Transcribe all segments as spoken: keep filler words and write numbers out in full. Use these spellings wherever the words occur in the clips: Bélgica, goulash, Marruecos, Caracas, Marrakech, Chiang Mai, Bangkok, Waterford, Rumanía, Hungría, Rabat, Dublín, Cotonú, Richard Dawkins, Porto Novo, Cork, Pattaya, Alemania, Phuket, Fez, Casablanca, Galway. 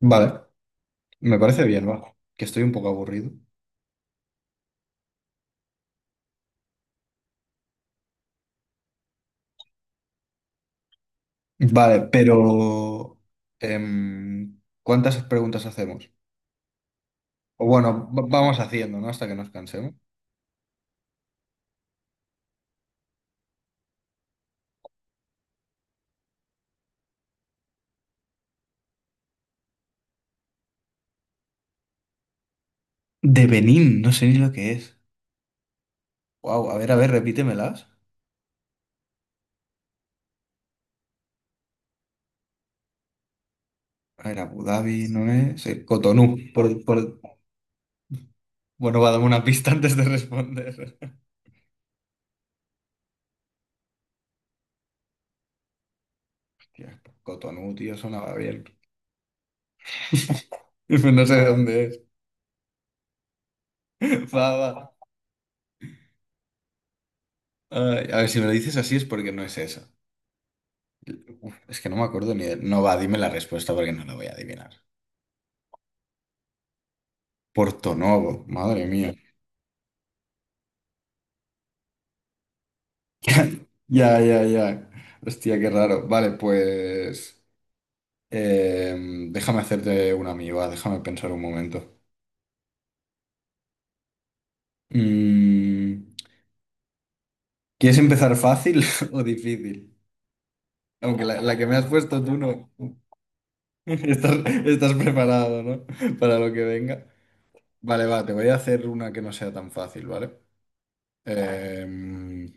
Vale, me parece bien, va, que estoy un poco aburrido. Vale, pero em, ¿cuántas preguntas hacemos? O bueno, va- vamos haciendo, ¿no? Hasta que nos cansemos. De Benín, no sé ni lo que es. Wow, a ver, a ver, repítemelas. A ver, Abu Dhabi no es. eh, Cotonú. Por, por- Bueno, va a darme una pista antes de responder. Hostia, Cotonú, tío, sonaba bien. No sé de dónde es. Va, va. Ay, a ver, si me lo dices así es porque no es eso. Uf, es que no me acuerdo ni de no. Va, dime la respuesta porque no la voy a adivinar. Porto Novo, madre mía. Ya, ya, ya. Hostia, qué raro. Vale, pues em, déjame hacerte una amiga, déjame pensar un momento. Mm, ¿quieres empezar fácil o difícil? Aunque la, la que me has puesto tú no. Estás, estás preparado, ¿no? Para lo que venga. Vale, va, te voy a hacer una que no sea tan fácil, ¿vale? Vale. Eh,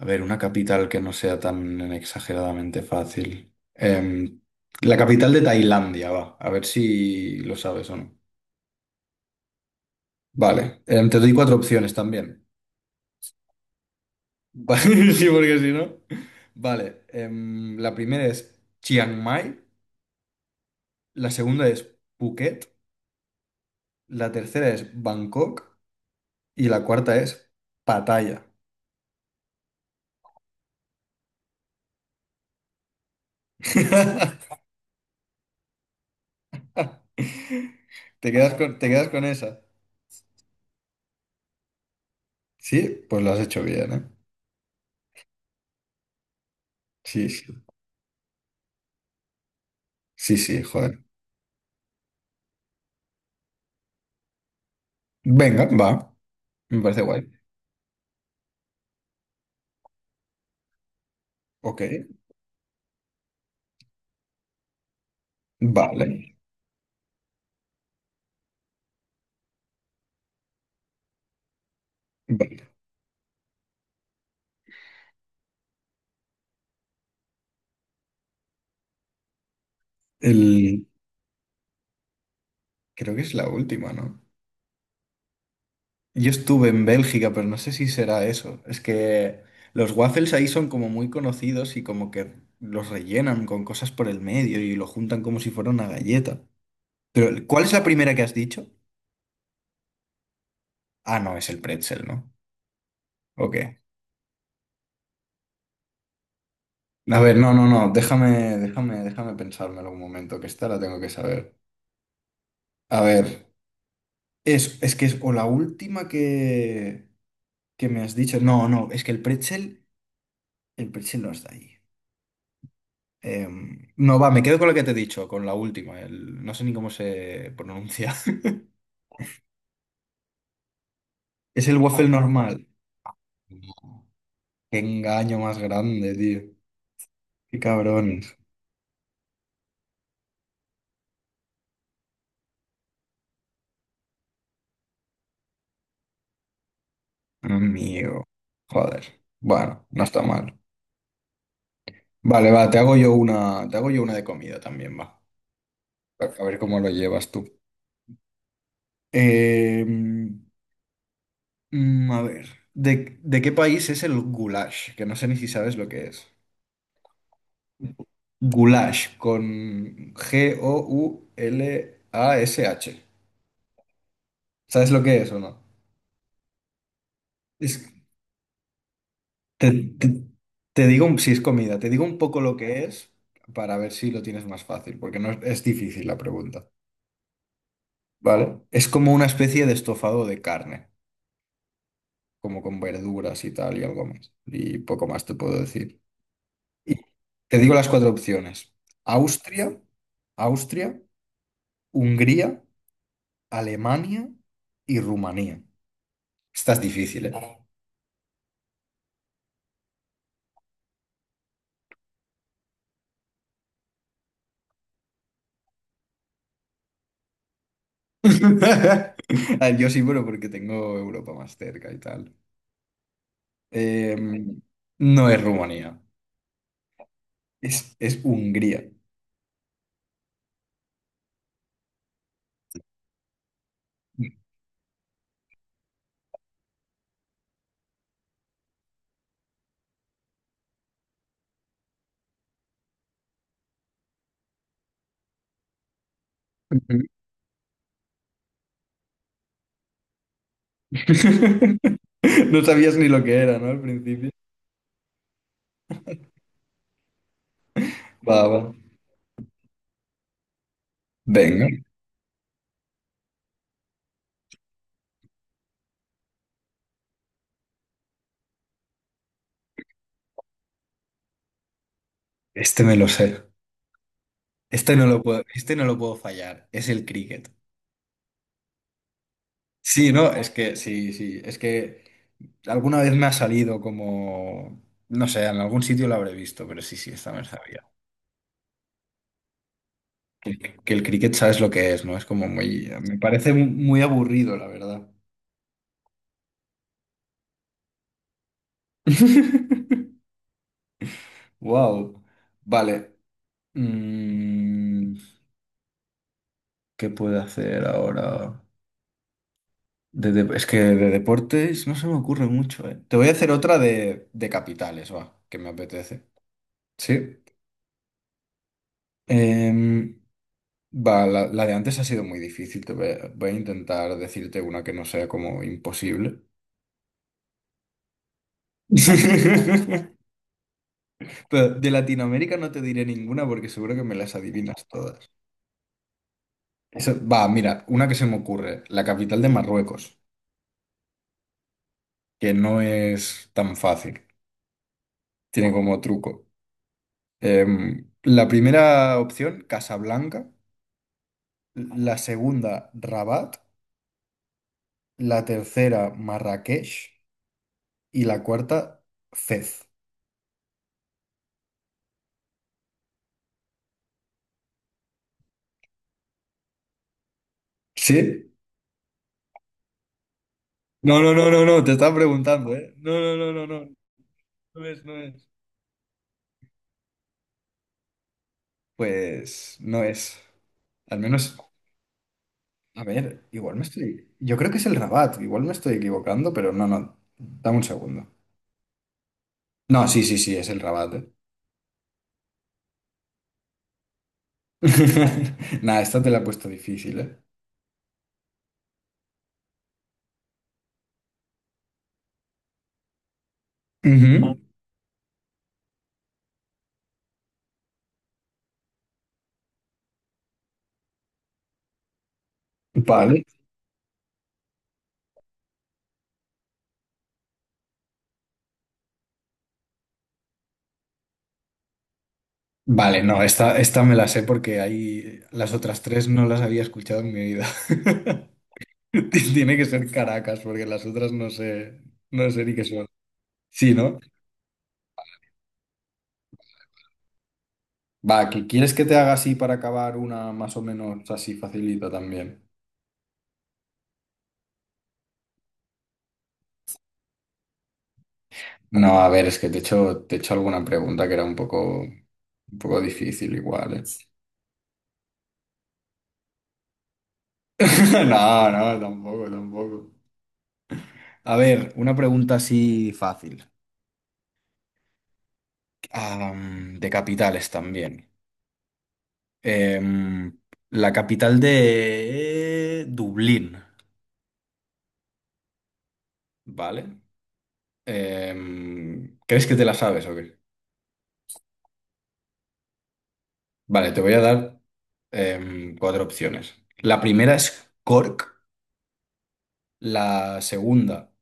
a ver, una capital que no sea tan exageradamente fácil. Em, la capital de Tailandia, va. A ver si lo sabes o no. Vale, em, te doy cuatro opciones también. Va- Sí, porque si no. Vale, em, la primera es Chiang Mai, la segunda es Phuket, la tercera es Bangkok y la cuarta es Pattaya. ¿Te quedas con, te quedas con esa? Sí, pues lo has hecho bien, ¿eh? Sí, sí. Sí, sí, joder. Venga, va. Me parece guay. Ok, vale, vale. El creo que es la última, ¿no? Yo estuve en Bélgica, pero no sé si será eso. Es que los waffles ahí son como muy conocidos y como que los rellenan con cosas por el medio y lo juntan como si fuera una galleta. Pero, ¿cuál es la primera que has dicho? Ah, no, es el pretzel, ¿no? Ok. A ver, no, no, no, déjame, déjame, déjame pensármelo un momento, que esta la tengo que saber. A ver, es, es que es o la última que. ¿Qué me has dicho? No, no, es que el pretzel, el pretzel no está ahí. Em, no, va, me quedo con lo que te he dicho, con la última. El- no sé ni cómo se pronuncia. Es el waffle normal. Qué engaño más grande, tío. Qué cabrones. Amigo. Joder. Bueno, no está mal. Vale, va, te hago yo una, te hago yo una de comida también, va. A a ver cómo lo llevas tú. Em, mm, a ver, ¿de, de qué país es el goulash? Que no sé ni si sabes lo que es. Goulash con G O U L A S H. ¿Sabes lo que es o no? Es- te, te- te digo un- si es comida, te digo un poco lo que es para ver si lo tienes más fácil, porque no es, es difícil la pregunta, ¿vale? Es como una especie de estofado de carne, como con verduras y tal y algo más. Y poco más te puedo decir. Y te digo las cuatro opciones. Austria, Austria, Hungría, Alemania y Rumanía. Estás difícil, ¿eh? Ah, yo sí, bueno porque tengo Europa más cerca y tal. Em, no es Rumanía, es, es Hungría. Ujú. No sabías ni lo que era, ¿no? Al principio. Va, va. Venga. Este me lo sé. Este no lo puedo, este no lo puedo fallar. Es el cricket. Sí, no, es que sí, sí. Es que alguna vez me ha salido como. No sé, en algún sitio lo habré visto, pero sí, sí, esta me la sabía. Que el cricket sabes lo que es, ¿no? Es como muy, me parece muy aburrido, la verdad. Wow. Vale. Mm, ¿qué puedo hacer ahora? De de- es que de deportes no se me ocurre mucho, ¿eh? Te voy a hacer otra de, de capitales, va, que me apetece. Sí. Em, va, la, la de antes ha sido muy difícil. Te voy a, voy a intentar decirte una que no sea como imposible. Pero de Latinoamérica no te diré ninguna porque seguro que me las adivinas todas. Eso- va, mira, una que se me ocurre, la capital de Marruecos, que no es tan fácil, tiene como truco. Em, la primera opción, Casablanca, la segunda, Rabat, la tercera, Marrakech y la cuarta, Fez. ¿Sí? No, no, no, no, no, te estaba preguntando, ¿eh? No, no, no, no, no, no es, no es. Pues no es. Al menos a ver, igual me estoy. Yo creo que es el Rabat, igual me estoy equivocando, pero no, no. Dame un segundo. No, sí, sí, sí, es el Rabat, ¿eh? Nada, esta te la he puesto difícil, ¿eh? Ujú. Vale. Vale, no, esta, esta me la sé porque ahí las otras tres no las había escuchado en mi vida. Ti- Tiene que ser Caracas, porque las otras no sé, no sé ni qué son. Sí, ¿no? Va, ¿qui- ¿quieres que te haga así para acabar una más o menos así facilita también? No, a ver, es que te he hecho, te he hecho alguna pregunta que era un poco, un poco difícil igual, ¿eh? No, no, tampoco, tampoco. A ver, una pregunta así fácil. Am, de capitales también. Em, la capital de Dublín, ¿vale? Em, ¿crees que te la sabes o qué? Vale, te voy a dar em, cuatro opciones. La primera es Cork, la segunda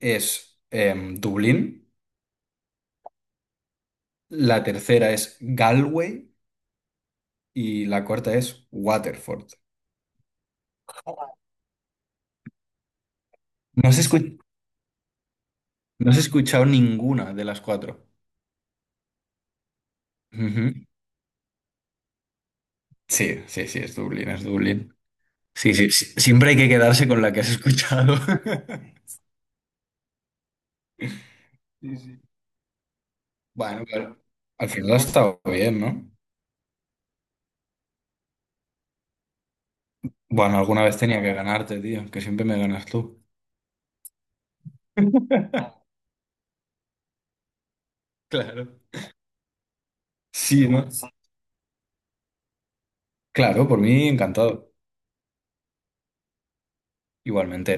es em, Dublín. La tercera es Galway y la cuarta es Waterford. No has escu- no has escuchado ninguna de las cuatro. Ujú. Sí, sí, sí, es Dublín, es Dublín. Sí, sí, sí, siempre hay que quedarse con la que has escuchado. Sí, sí. Bueno, pero al final ha estado bien, ¿no? Bueno, alguna vez tenía que ganarte, tío, que siempre me ganas tú. Claro. Sí, ¿no? Sí. Claro, por mí encantado. Igualmente.